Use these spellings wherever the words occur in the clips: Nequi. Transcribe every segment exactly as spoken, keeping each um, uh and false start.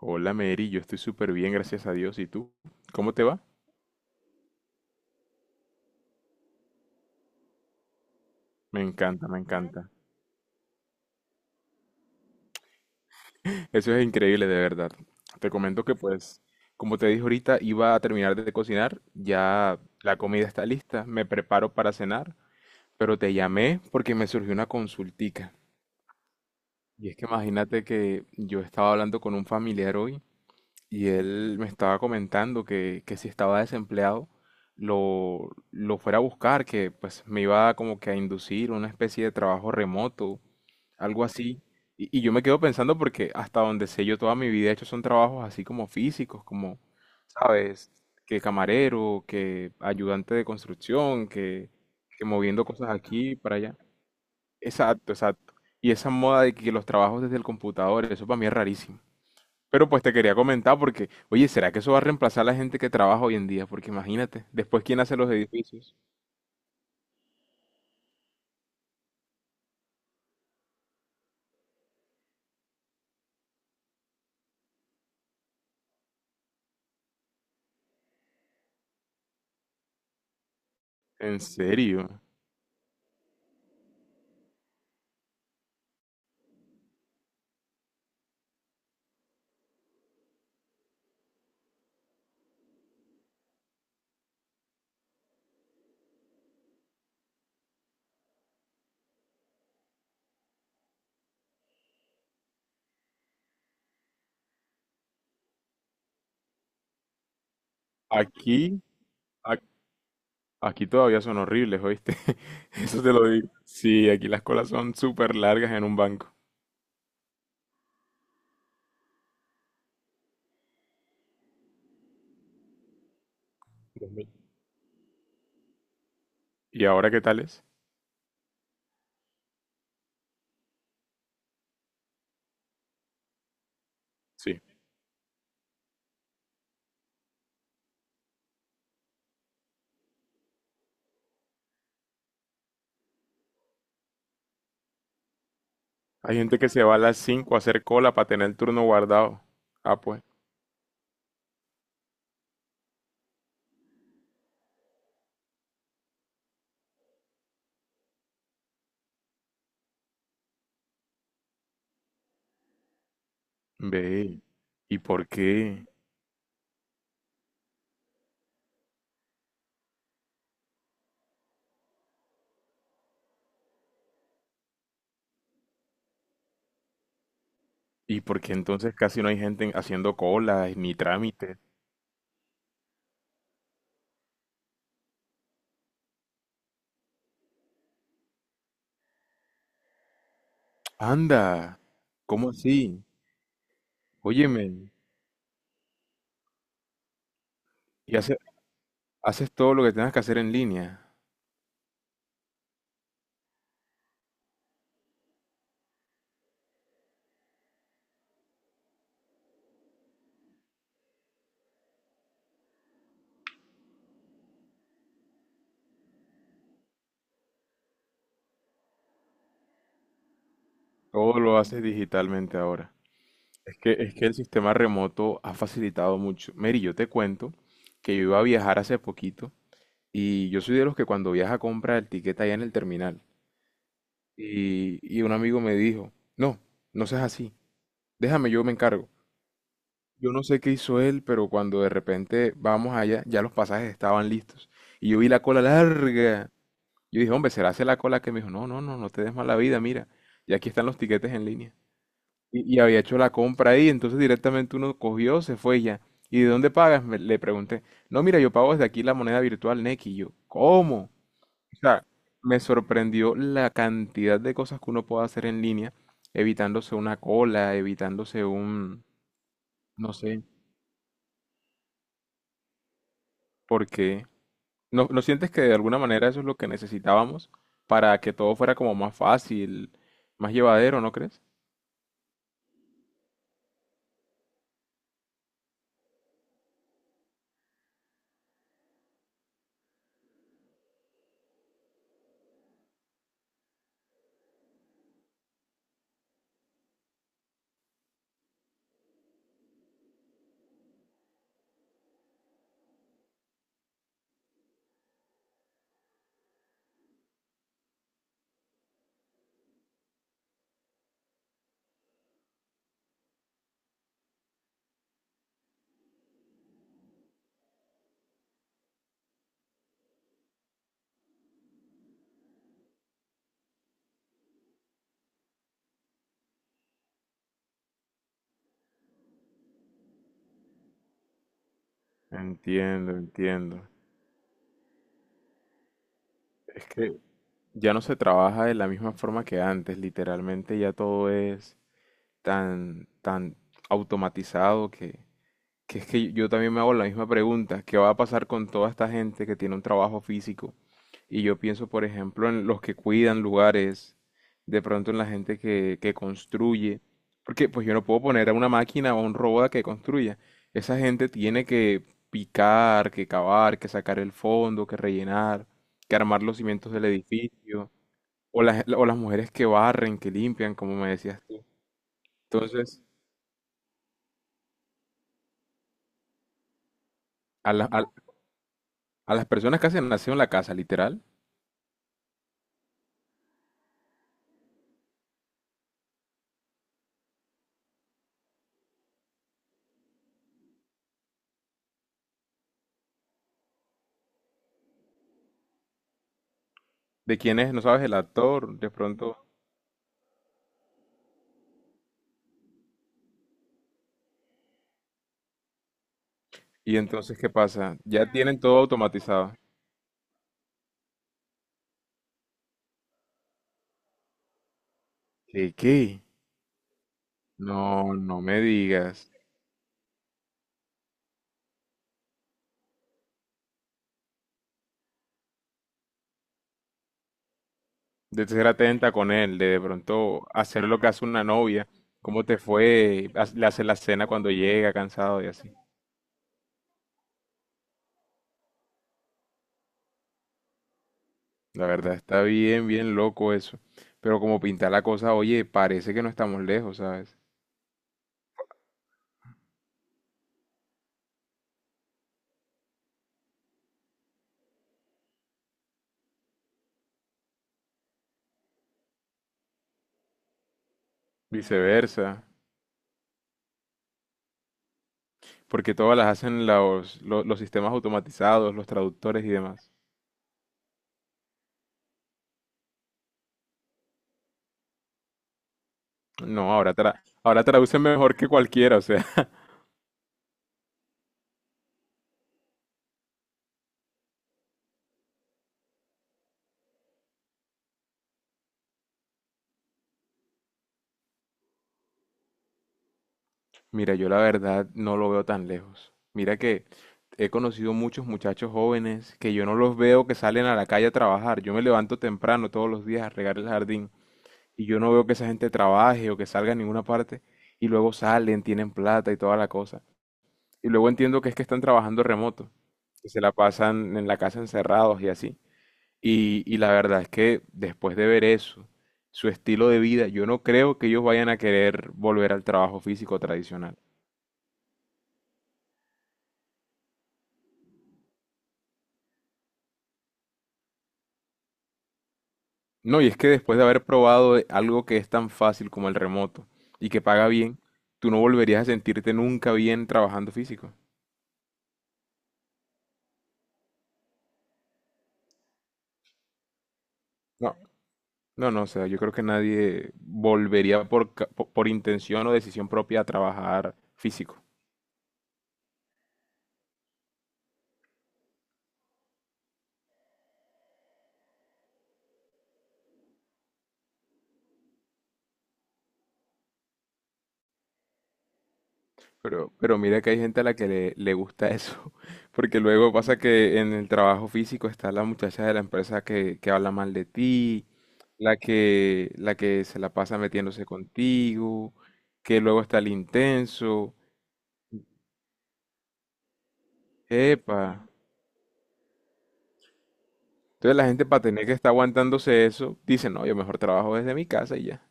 Hola Mary, yo estoy súper bien, gracias a Dios. ¿Y tú? ¿Cómo te va? Me encanta, me encanta. Eso es increíble, de verdad. Te comento que pues, como te dije ahorita, iba a terminar de cocinar, ya la comida está lista, me preparo para cenar, pero te llamé porque me surgió una consultica. Y es que imagínate que yo estaba hablando con un familiar hoy. Y él me estaba comentando que, que si estaba desempleado, lo, lo fuera a buscar, que pues me iba como que a inducir una especie de trabajo remoto, algo así. Y, y yo me quedo pensando porque hasta donde sé yo toda mi vida he hecho son trabajos así como físicos, como, ¿sabes? Que camarero, que ayudante de construcción, que, que moviendo cosas aquí para allá. Exacto, exacto. Y esa moda de que los trabajos desde el computador, eso para mí es rarísimo. Pero pues te quería comentar porque, oye, ¿será que eso va a reemplazar a la gente que trabaja hoy en día? Porque imagínate, después ¿quién hace los edificios? En serio, aquí, ac- aquí todavía son horribles, ¿oíste? Eso te lo digo. Sí, aquí las colas son súper largas en un banco. Dios mío. ¿Y ahora qué tal es? Sí. Hay gente que se va a las cinco a hacer cola para tener el turno guardado. Ah, pues. Ve. ¿Y por qué? ¿Y por qué entonces casi no hay gente haciendo colas ni trámites? Anda. ¿Cómo así? Óyeme, y hace- haces todo lo que tengas que hacer en línea. Todo lo haces digitalmente ahora. Es que, es que el sistema remoto ha facilitado mucho. Mary, yo te cuento que yo iba a viajar hace poquito y yo soy de los que cuando viaja compra el tiquete allá en el terminal. Y, y un amigo me dijo, no, no seas así, déjame, yo me encargo. Yo no sé qué hizo él, pero cuando de repente vamos allá, ya los pasajes estaban listos. Y yo vi la cola larga. Yo dije, hombre, será hace la cola que me dijo, no, no, no, no te des mala vida, mira, y aquí están los tiquetes en línea. Y, y había hecho la compra ahí, entonces directamente uno cogió, se fue y ya. ¿Y de dónde pagas? Me- le pregunté. No, mira, yo pago desde aquí la moneda virtual Nequi. Y yo, ¿cómo? O sea, me sorprendió la cantidad de cosas que uno puede hacer en línea, evitándose una cola, evitándose un, no sé, porque ¿No, no sientes que de alguna manera eso es lo que necesitábamos para que todo fuera como más fácil, más llevadero, ¿no crees? Entiendo, entiendo. Es que, ya no se trabaja de la misma forma que antes, literalmente ya todo es tan, tan automatizado que, que es que yo también me hago la misma pregunta, ¿qué va a pasar con toda esta gente que tiene un trabajo físico? Y yo pienso, por ejemplo, en los que cuidan lugares, de pronto en la gente que, que construye, porque pues yo no puedo poner a una máquina o a un robot a que construya. Esa gente tiene que picar, que cavar, que sacar el fondo, que rellenar, que armar los cimientos del edificio, o las, o las mujeres que barren, que limpian, como me decías tú. Entonces, a, la- a- a las personas que hacen nacido en la casa, literal, de quienes no sabes el actor, de pronto, y entonces, ¿qué pasa? Ya tienen todo automatizado. ¿Qué, qué? No, no me digas. De ser atenta con él, de de pronto hacer lo que hace una novia. ¿Cómo te fue? Haz- Le hace la cena cuando llega cansado y así. La verdad, está bien, bien loco eso. Pero como pinta la cosa, oye, parece que no estamos lejos, ¿sabes? Viceversa. Porque todas las hacen los, lo- los sistemas automatizados, los traductores y demás. No, ahora, tra ahora traducen mejor que cualquiera, o sea. Mira, yo la verdad no lo veo tan lejos. Mira que he conocido muchos muchachos jóvenes que yo no los veo que salen a la calle a trabajar. Yo me levanto temprano todos los días a regar el jardín y yo no veo que esa gente trabaje o que salga a ninguna parte y luego salen, tienen plata y toda la cosa. Y luego entiendo que es que están trabajando remoto, que se la pasan en la casa encerrados y así. Y, y la verdad es que después de ver eso, su estilo de vida, yo no creo que ellos vayan a querer volver al trabajo físico tradicional. No, y es que después de haber probado de- algo que es tan fácil como el remoto y que paga bien, tú no volverías a sentirte nunca bien trabajando físico. No. No, no, o sea, yo creo que nadie volvería por, ca- po- por intención o decisión propia a trabajar físico. Pero, pero mira que hay gente a la que le, le gusta eso, porque luego pasa que en el trabajo físico está la muchacha de la empresa que, que habla mal de ti, la que, la que se la pasa metiéndose contigo, que luego está el intenso. Epa. Entonces la gente para tener que estar aguantándose eso, dice, no, yo mejor trabajo desde mi casa y ya.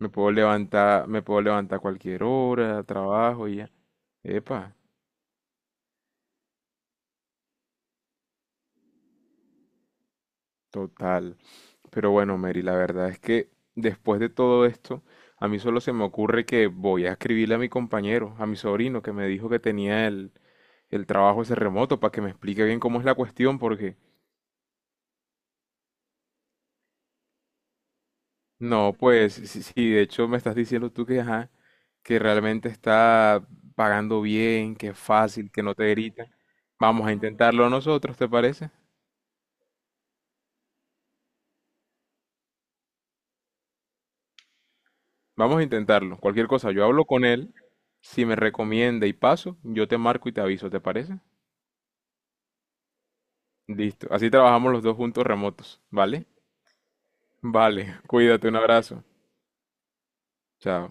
Me puedo levantar, me puedo levantar a cualquier hora, trabajo y ya. Epa, total. Pero bueno, Mary, la verdad es que después de todo esto, a mí solo se me ocurre que voy a escribirle a mi compañero, a mi sobrino, que me dijo que tenía el, el trabajo ese remoto, para que me explique bien cómo es la cuestión, porque no, pues sí, sí, de hecho me estás diciendo tú que, ajá, que realmente está pagando bien, que es fácil, que no te gritan. Vamos a intentarlo nosotros, ¿te parece? Vamos a intentarlo. Cualquier cosa, yo hablo con él. Si me recomienda y paso, yo te marco y te aviso, ¿te parece? Listo. Así trabajamos los dos juntos remotos, ¿vale? Vale, cuídate, un abrazo. Chao.